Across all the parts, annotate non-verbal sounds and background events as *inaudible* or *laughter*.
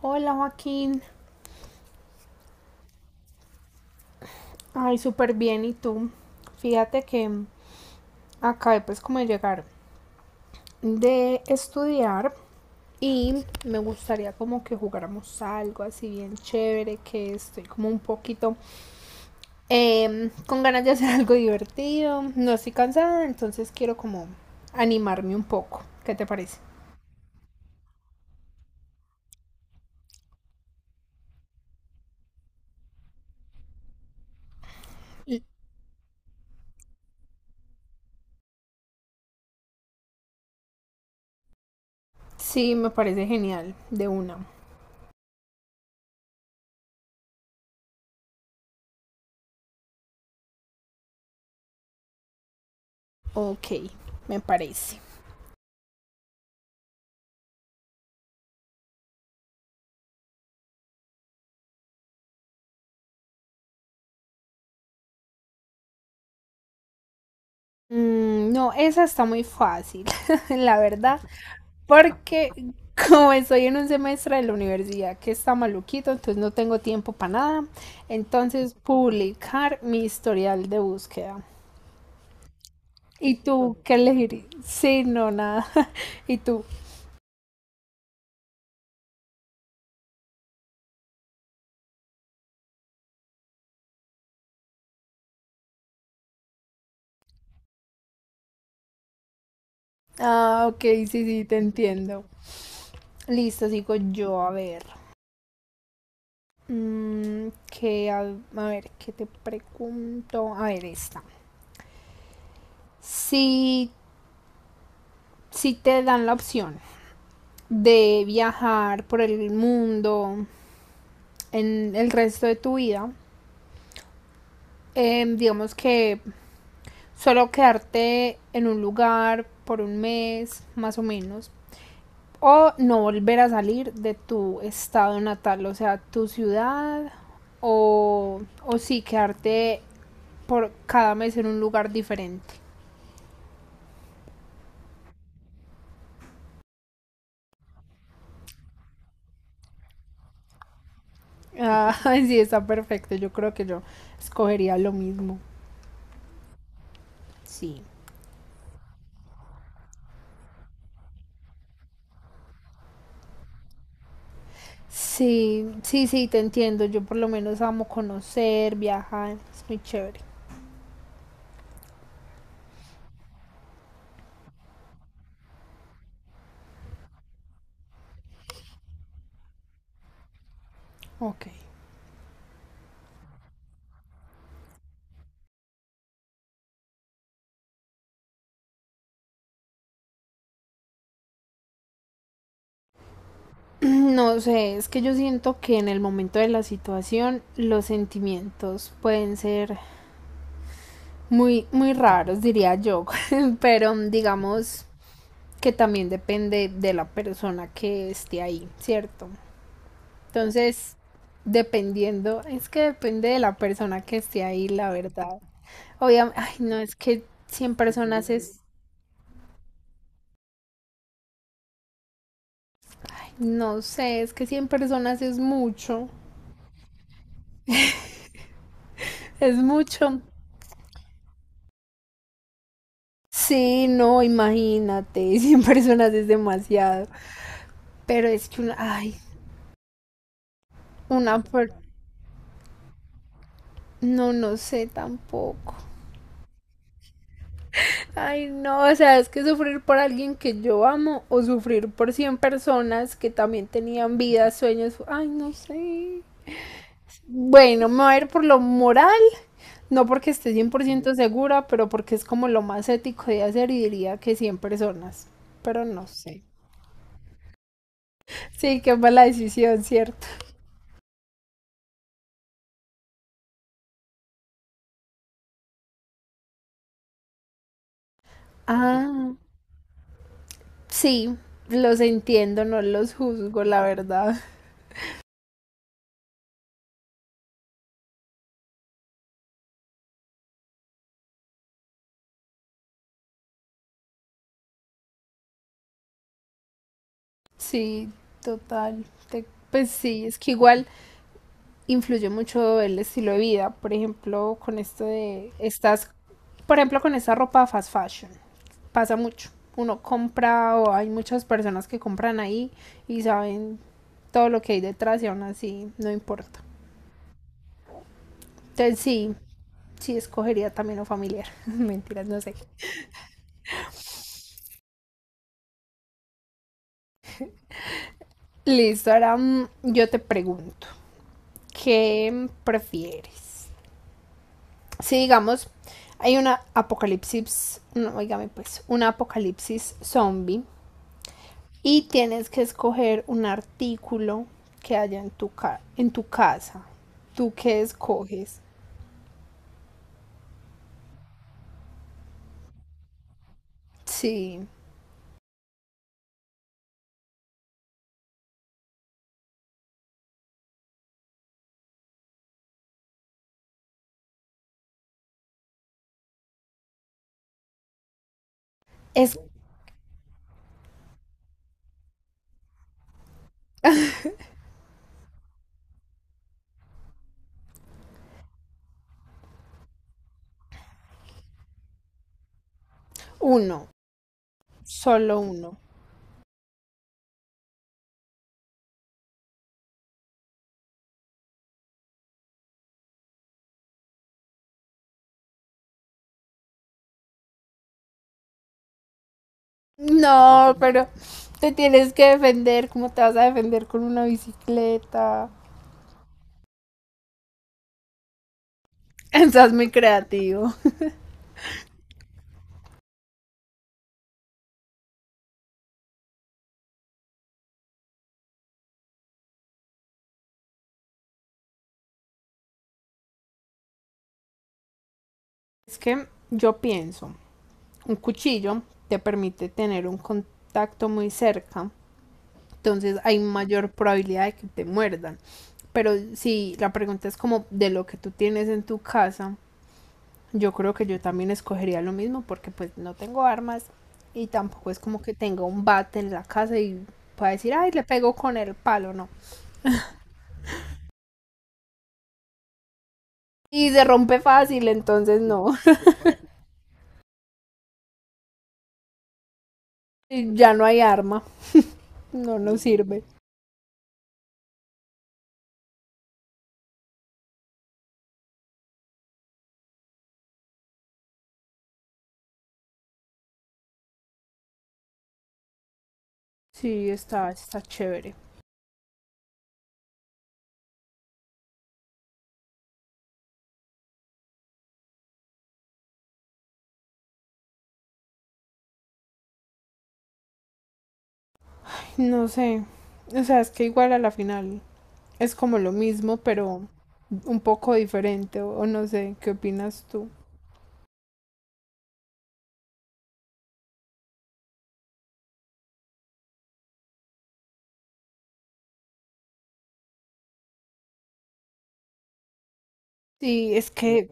Hola Joaquín, ay, súper bien, ¿y tú? Fíjate que acabé pues como de llegar de estudiar y me gustaría como que jugáramos algo así bien chévere, que estoy como un poquito con ganas de hacer *laughs* algo divertido, no estoy cansada, entonces quiero como animarme un poco, ¿qué te parece? Y- Sí, me parece genial, de una. Ok, me parece. Mm, no, esa está muy fácil, *laughs* la verdad, porque como estoy en un semestre de la universidad que está maluquito, entonces no tengo tiempo para nada. Entonces, publicar mi historial de búsqueda. ¿Y tú qué elegir? Sí, no, nada. *laughs* ¿Y tú? Ah, ok, sí, sí, te entiendo. Listo, sigo yo, a ver. Mm, a ver, ¿qué te pregunto? A ver, esta. Si, si te dan la opción de viajar por el mundo en el resto de tu vida, digamos que solo quedarte en un lugar por un mes más o menos o no volver a salir de tu estado natal, o sea, tu ciudad o sí quedarte por cada mes en un lugar diferente. *laughs* Ah, sí, está perfecto, yo creo que yo escogería lo mismo, sí. Sí, sí, sí, te entiendo. Yo por lo menos amo conocer, viajar, es muy chévere. Ok. *clears throat* No sé, es que yo siento que en el momento de la situación los sentimientos pueden ser muy, muy raros, diría yo, *laughs* pero digamos que también depende de la persona que esté ahí, ¿cierto? Entonces, dependiendo, es que depende de la persona que esté ahí, la verdad. Obviamente, ay, no, es que 100 personas es. No sé, es que 100 personas es mucho, es mucho. Sí, no, imagínate, *laughs* 100 personas es demasiado. Pero es que una, ay, una per- no, no sé tampoco. Ay, no, o sea, es que sufrir por alguien que yo amo o sufrir por 100 personas que también tenían vidas, sueños, ay, no sé. Bueno, me voy a ir por lo moral. No porque esté 100% segura, pero porque es como lo más ético de hacer y diría que 100 personas. Pero no sé. Sí, qué mala decisión, ¿cierto? Ah, sí, los entiendo, no los juzgo, la verdad. Sí, total. Pues sí, es que igual influye mucho el estilo de vida, por ejemplo, con esto de estas, por ejemplo, con esta ropa fast fashion, pasa mucho. Uno compra o hay muchas personas que compran ahí y saben todo lo que hay detrás y aún así no importa. Entonces sí, sí escogería también lo familiar. *laughs* Mentiras, no sé. Listo, ahora yo te pregunto, ¿qué prefieres? Si digamos, hay una apocalipsis, no, oígame pues, una apocalipsis zombie. Y tienes que escoger un artículo que haya en en tu casa. ¿Tú qué escoges? Sí, es uno, solo uno. No, pero te tienes que defender. ¿Cómo te vas a defender con una bicicleta? *laughs* Estás muy creativo. *laughs* Es que yo pienso, un cuchillo te permite tener un contacto muy cerca. Entonces hay mayor probabilidad de que te muerdan. Pero si la pregunta es como de lo que tú tienes en tu casa, yo creo que yo también escogería lo mismo porque pues no tengo armas y tampoco es como que tenga un bate en la casa y pueda decir, ay, le pego con el palo, no. Y se rompe fácil, entonces no, *laughs* ya no hay arma, no nos sirve. Sí, está, está chévere. No sé, o sea, es que igual a la final es como lo mismo, pero un poco diferente, o no sé, ¿qué opinas tú? Sí, es que,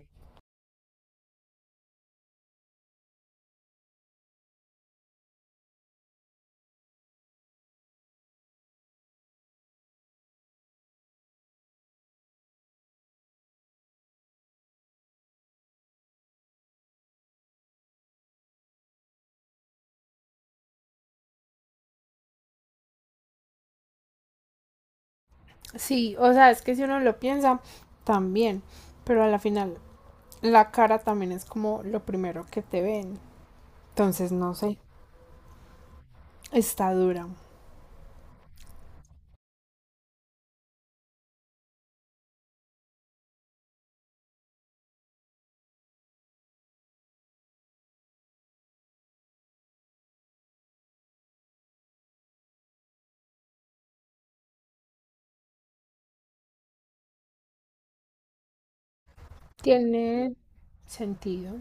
sí, o sea, es que si uno lo piensa, también, pero a la final, la cara también es como lo primero que te ven, entonces no sé, está dura. Tiene sentido.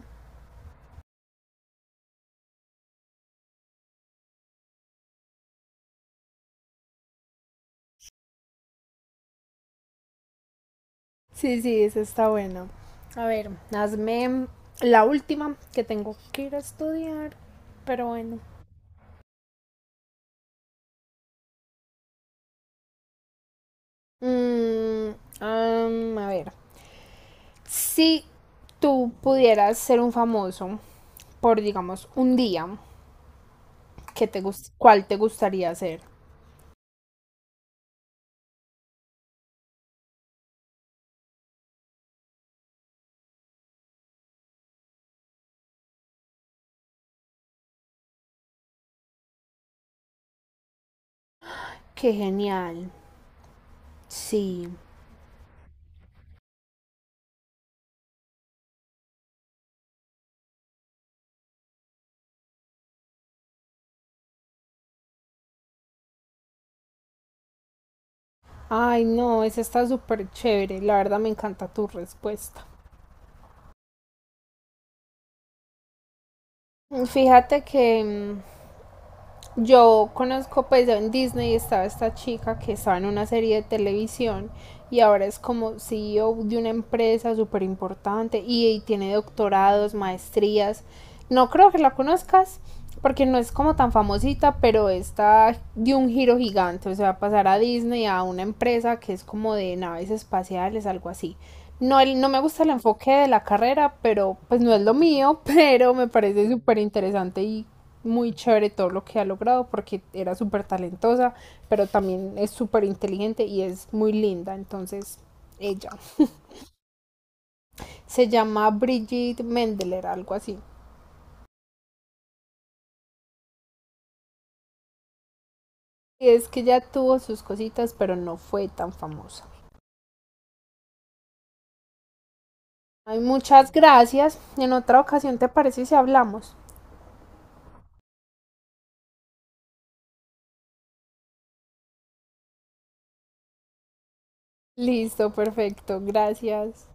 Sí, sí, esa está buena. A ver, hazme la última que tengo que ir a estudiar, pero bueno. Mm, am, a ver, si tú pudieras ser un famoso por, digamos, un día, ¿cuál te gustaría ser? Qué genial. Sí. Ay, no, esa está súper chévere. La verdad me encanta tu respuesta. Fíjate que mm, yo conozco, pues en Disney estaba esta chica que estaba en una serie de televisión y ahora es como CEO de una empresa súper importante y tiene doctorados, maestrías. No creo que la conozcas porque no es como tan famosita, pero está de un giro gigante, o sea, va a pasar a Disney a una empresa que es como de naves espaciales, algo así. No, no me gusta el enfoque de la carrera, pero pues no es lo mío, *laughs* pero me parece súper interesante y muy chévere todo lo que ha logrado porque era súper talentosa, pero también es súper inteligente y es muy linda. Entonces, ella se llama Brigitte Mendeler, algo así. Y es que ya tuvo sus cositas, pero no fue tan famosa. Ay, muchas gracias. En otra ocasión, ¿te parece si hablamos? Listo, perfecto. Gracias.